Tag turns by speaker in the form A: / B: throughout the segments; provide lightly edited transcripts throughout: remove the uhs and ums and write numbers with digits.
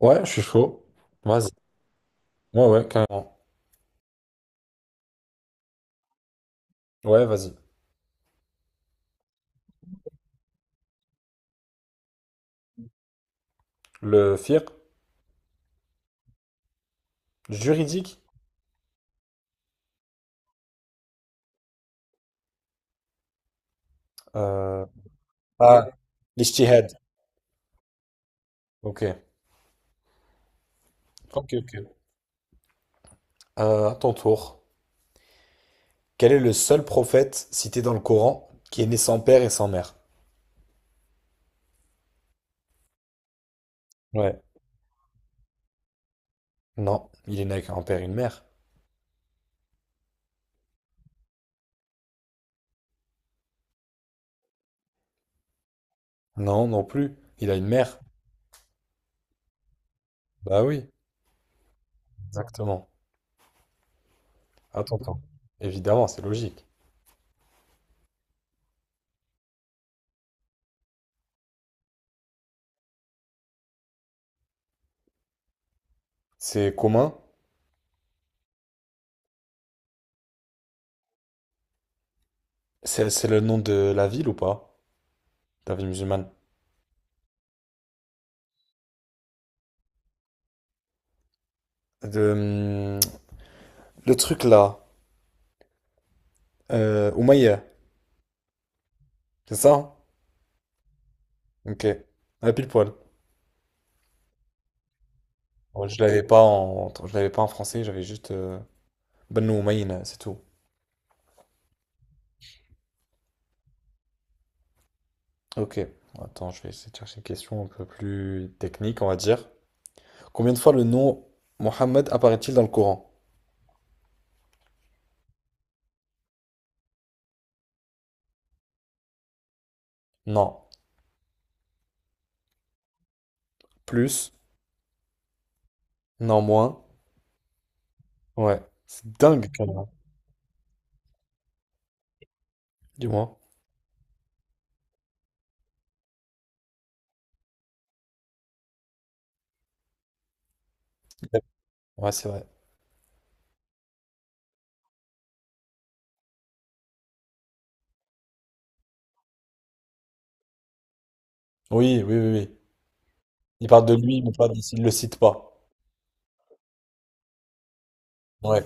A: Ouais, je suis chaud. Vas-y. Ouais, ouais, carrément. Ouais, vas-y. Le fiqh juridique. Euh... Ah, l'ijtihad. Ok. À ton tour. Quel est le seul prophète cité dans le Coran qui est né sans père et sans mère? Ouais. Non, il est né avec un père et une mère. Non, non plus. Il a une mère. Bah oui, exactement. À ton tour. Évidemment, c'est logique. C'est commun. C'est le nom de la ville ou pas? De la ville musulmane. De, le truc là. Umayya. C'est ça? Hein, ok. À pile poil. Bon, je l'avais pas en... je l'avais pas en français, j'avais juste Banu Umayna, c'est tout. Ok. Attends, je vais essayer de chercher une question un peu plus technique, on va dire. Combien de fois le nom Mohammed apparaît-il dans le Coran? Non. Plus? Non, moins? Ouais. C'est dingue, quand même. Dis-moi. Ouais, c'est vrai. Oui, oui, oui, oui. Il parle de lui, mais pas, de- il le cite pas. Ouais.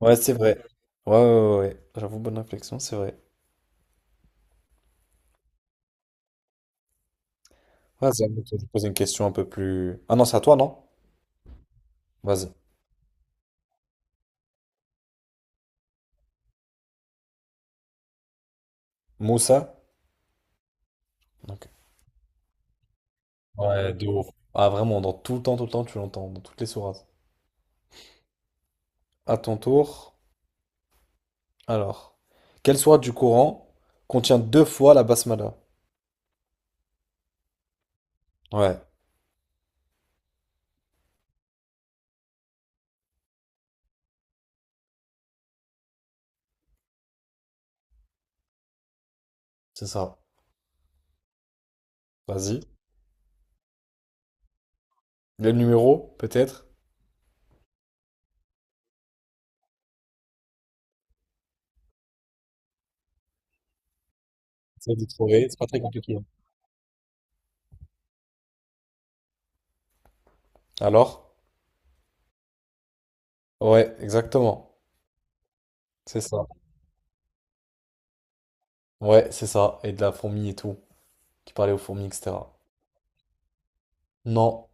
A: Ouais, c'est vrai. Ouais, ouais, ouais, ouais. J'avoue, bonne réflexion, c'est vrai. Vas-y, à mon tour, je vais poser une question un peu plus. Ah non, c'est à toi, non? Vas-y. Moussa? Ok. Ouais, de ouf. Ah, vraiment, dans tout le temps, tu l'entends, dans toutes les sourates. À ton tour. Alors. Quelle sourate du Coran contient deux fois la basmala? Ouais, c'est ça. Vas-y. Le numéro, peut-être? Essaye de trouver, c'est pas très compliqué, hein. Alors? Ouais, exactement. C'est ça. Ouais, c'est ça. Et de la fourmi et tout. Qui parlait aux fourmis, etc. Non.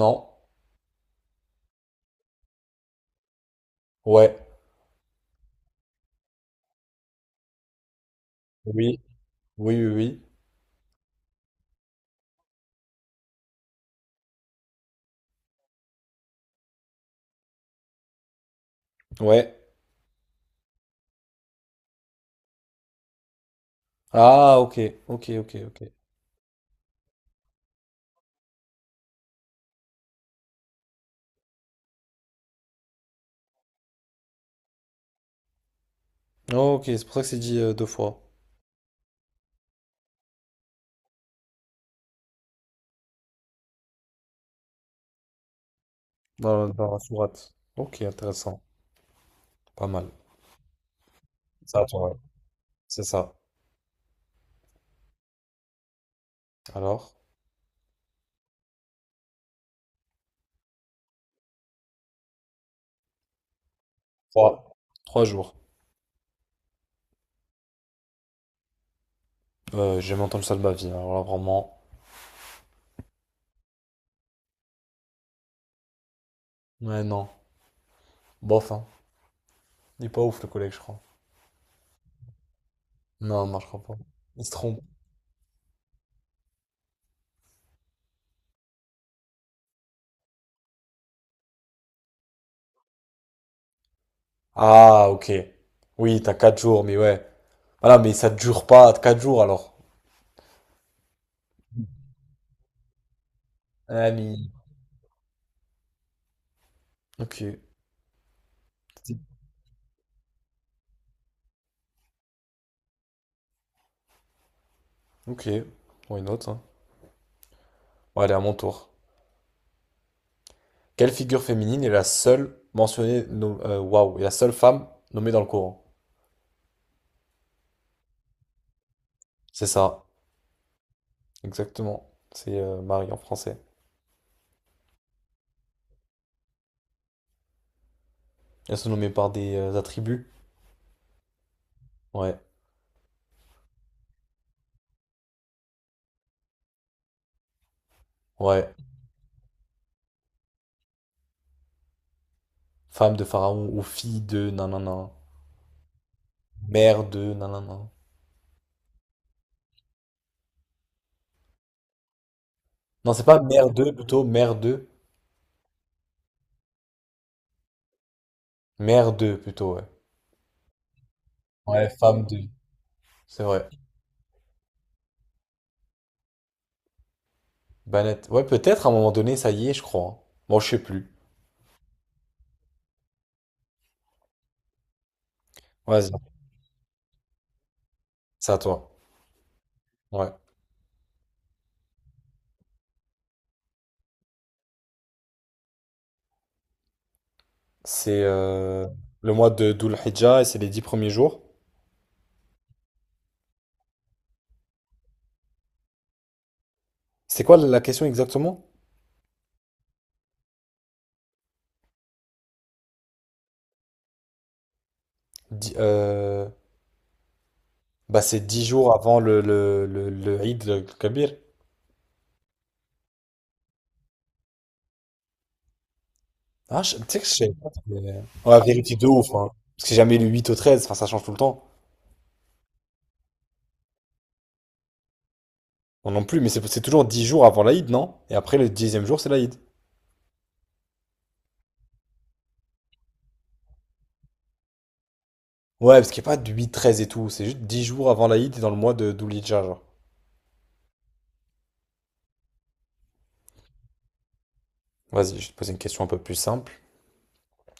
A: Non. Ouais. Oui. Oui, oui, oui. Ouais. Ah, ok, ok, ok, ok. Oh, ok, c'est pour ça que c'est dit deux fois dans, dans la sourate. Ok, intéressant. Pas mal. Ça, toi, ouais. C'est ça. Alors, trois. Trois jours. J'ai jamais entendu ça de ma vie, hein. Alors là, vraiment. Ouais, non. Bof, hein. Il est pas ouf, le collègue, je crois. Non, non, je crois pas. Il se trompe. Ah, ok. Oui, t'as quatre jours, mais ouais. Voilà, mais ça dure pas quatre jours, alors. Ah, mais... Ok. Ok. Why not, hein. Bon, allez, à mon tour. Quelle figure féminine est la seule mentionnée, est la seule femme nommée dans le Coran? C'est ça, exactement. C'est Marie en français. Elles sont nommées par des attributs. Ouais, ouais. Femme de Pharaon ou fille de nanana. Mère de nanana. Non, c'est pas mère de plutôt, mère de. Mère de plutôt, ouais. Ouais, femme de. C'est vrai. Banette. Ouais, peut-être à un moment donné, ça y est, je crois, hein. Bon, je sais plus. Vas-y, c'est à toi. Ouais. C'est le mois de Dhul-Hijjah et c'est les dix premiers jours. C'est quoi la la question exactement? Di- euh, Bah c'est 10 jours avant le Eid al-Kabir. Ah, je- tu sais que je sais pas, mais- on va vérifier de ouf, hein. Parce que c'est jamais le 8 au 13, enfin ça change tout le temps. Non non plus, mais c'est toujours dix jours avant l'Aïd, non? Et après le dixième jour, c'est l'Aïd. Ouais, parce qu'il n'y a pas de 8 13 et tout, c'est juste 10 jours avant l'Aïd et dans le mois de Doulidja, genre. Vas-y, je vais te poser une question un peu plus simple.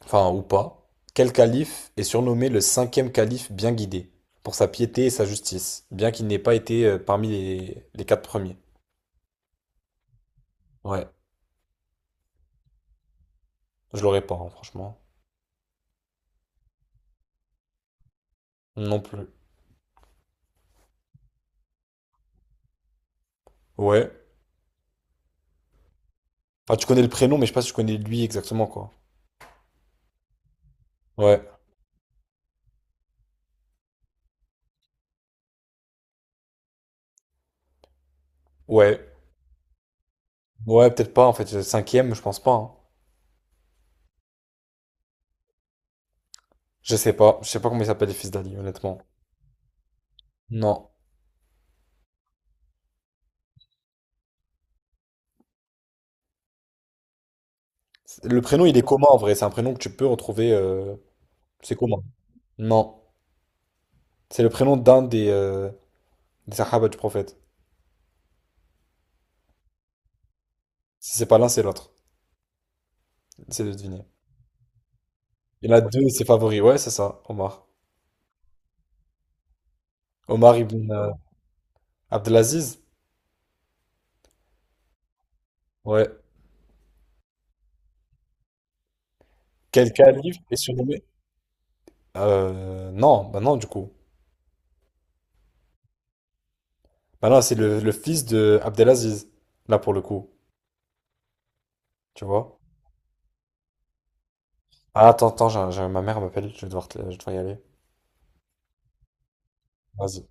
A: Enfin ou pas, quel calife est surnommé le cinquième calife bien guidé, pour sa piété et sa justice, bien qu'il n'ait pas été parmi les quatre premiers. Ouais, je l'aurais pas, hein, franchement. Non plus. Ouais. Enfin, tu connais le prénom, mais je sais pas si tu connais lui exactement, quoi. Ouais, ouais. Ouais, peut-être pas, en fait. Le cinquième, je pense pas, hein. Je sais pas. Je sais pas comment il s'appelle les fils d'Ali, honnêtement. Non. Le prénom, il est commun, en vrai. C'est un prénom que tu peux retrouver... C'est commun. Non. C'est le prénom d'un des Sahaba du prophète. Si c'est pas l'un, c'est l'autre. C'est de deviner. Il y en a deux, c'est favori. Ouais, c'est ça, Omar. Omar ibn Abdelaziz. Ouais. Quel calife est surnommé? Non, bah non, du coup. Bah non, c'est le fils de Abdelaziz. Là, pour le coup. Tu vois? Ah, attends, attends, ma mère m'appelle. Je vais devoir, te- je vais devoir y aller. Vas-y.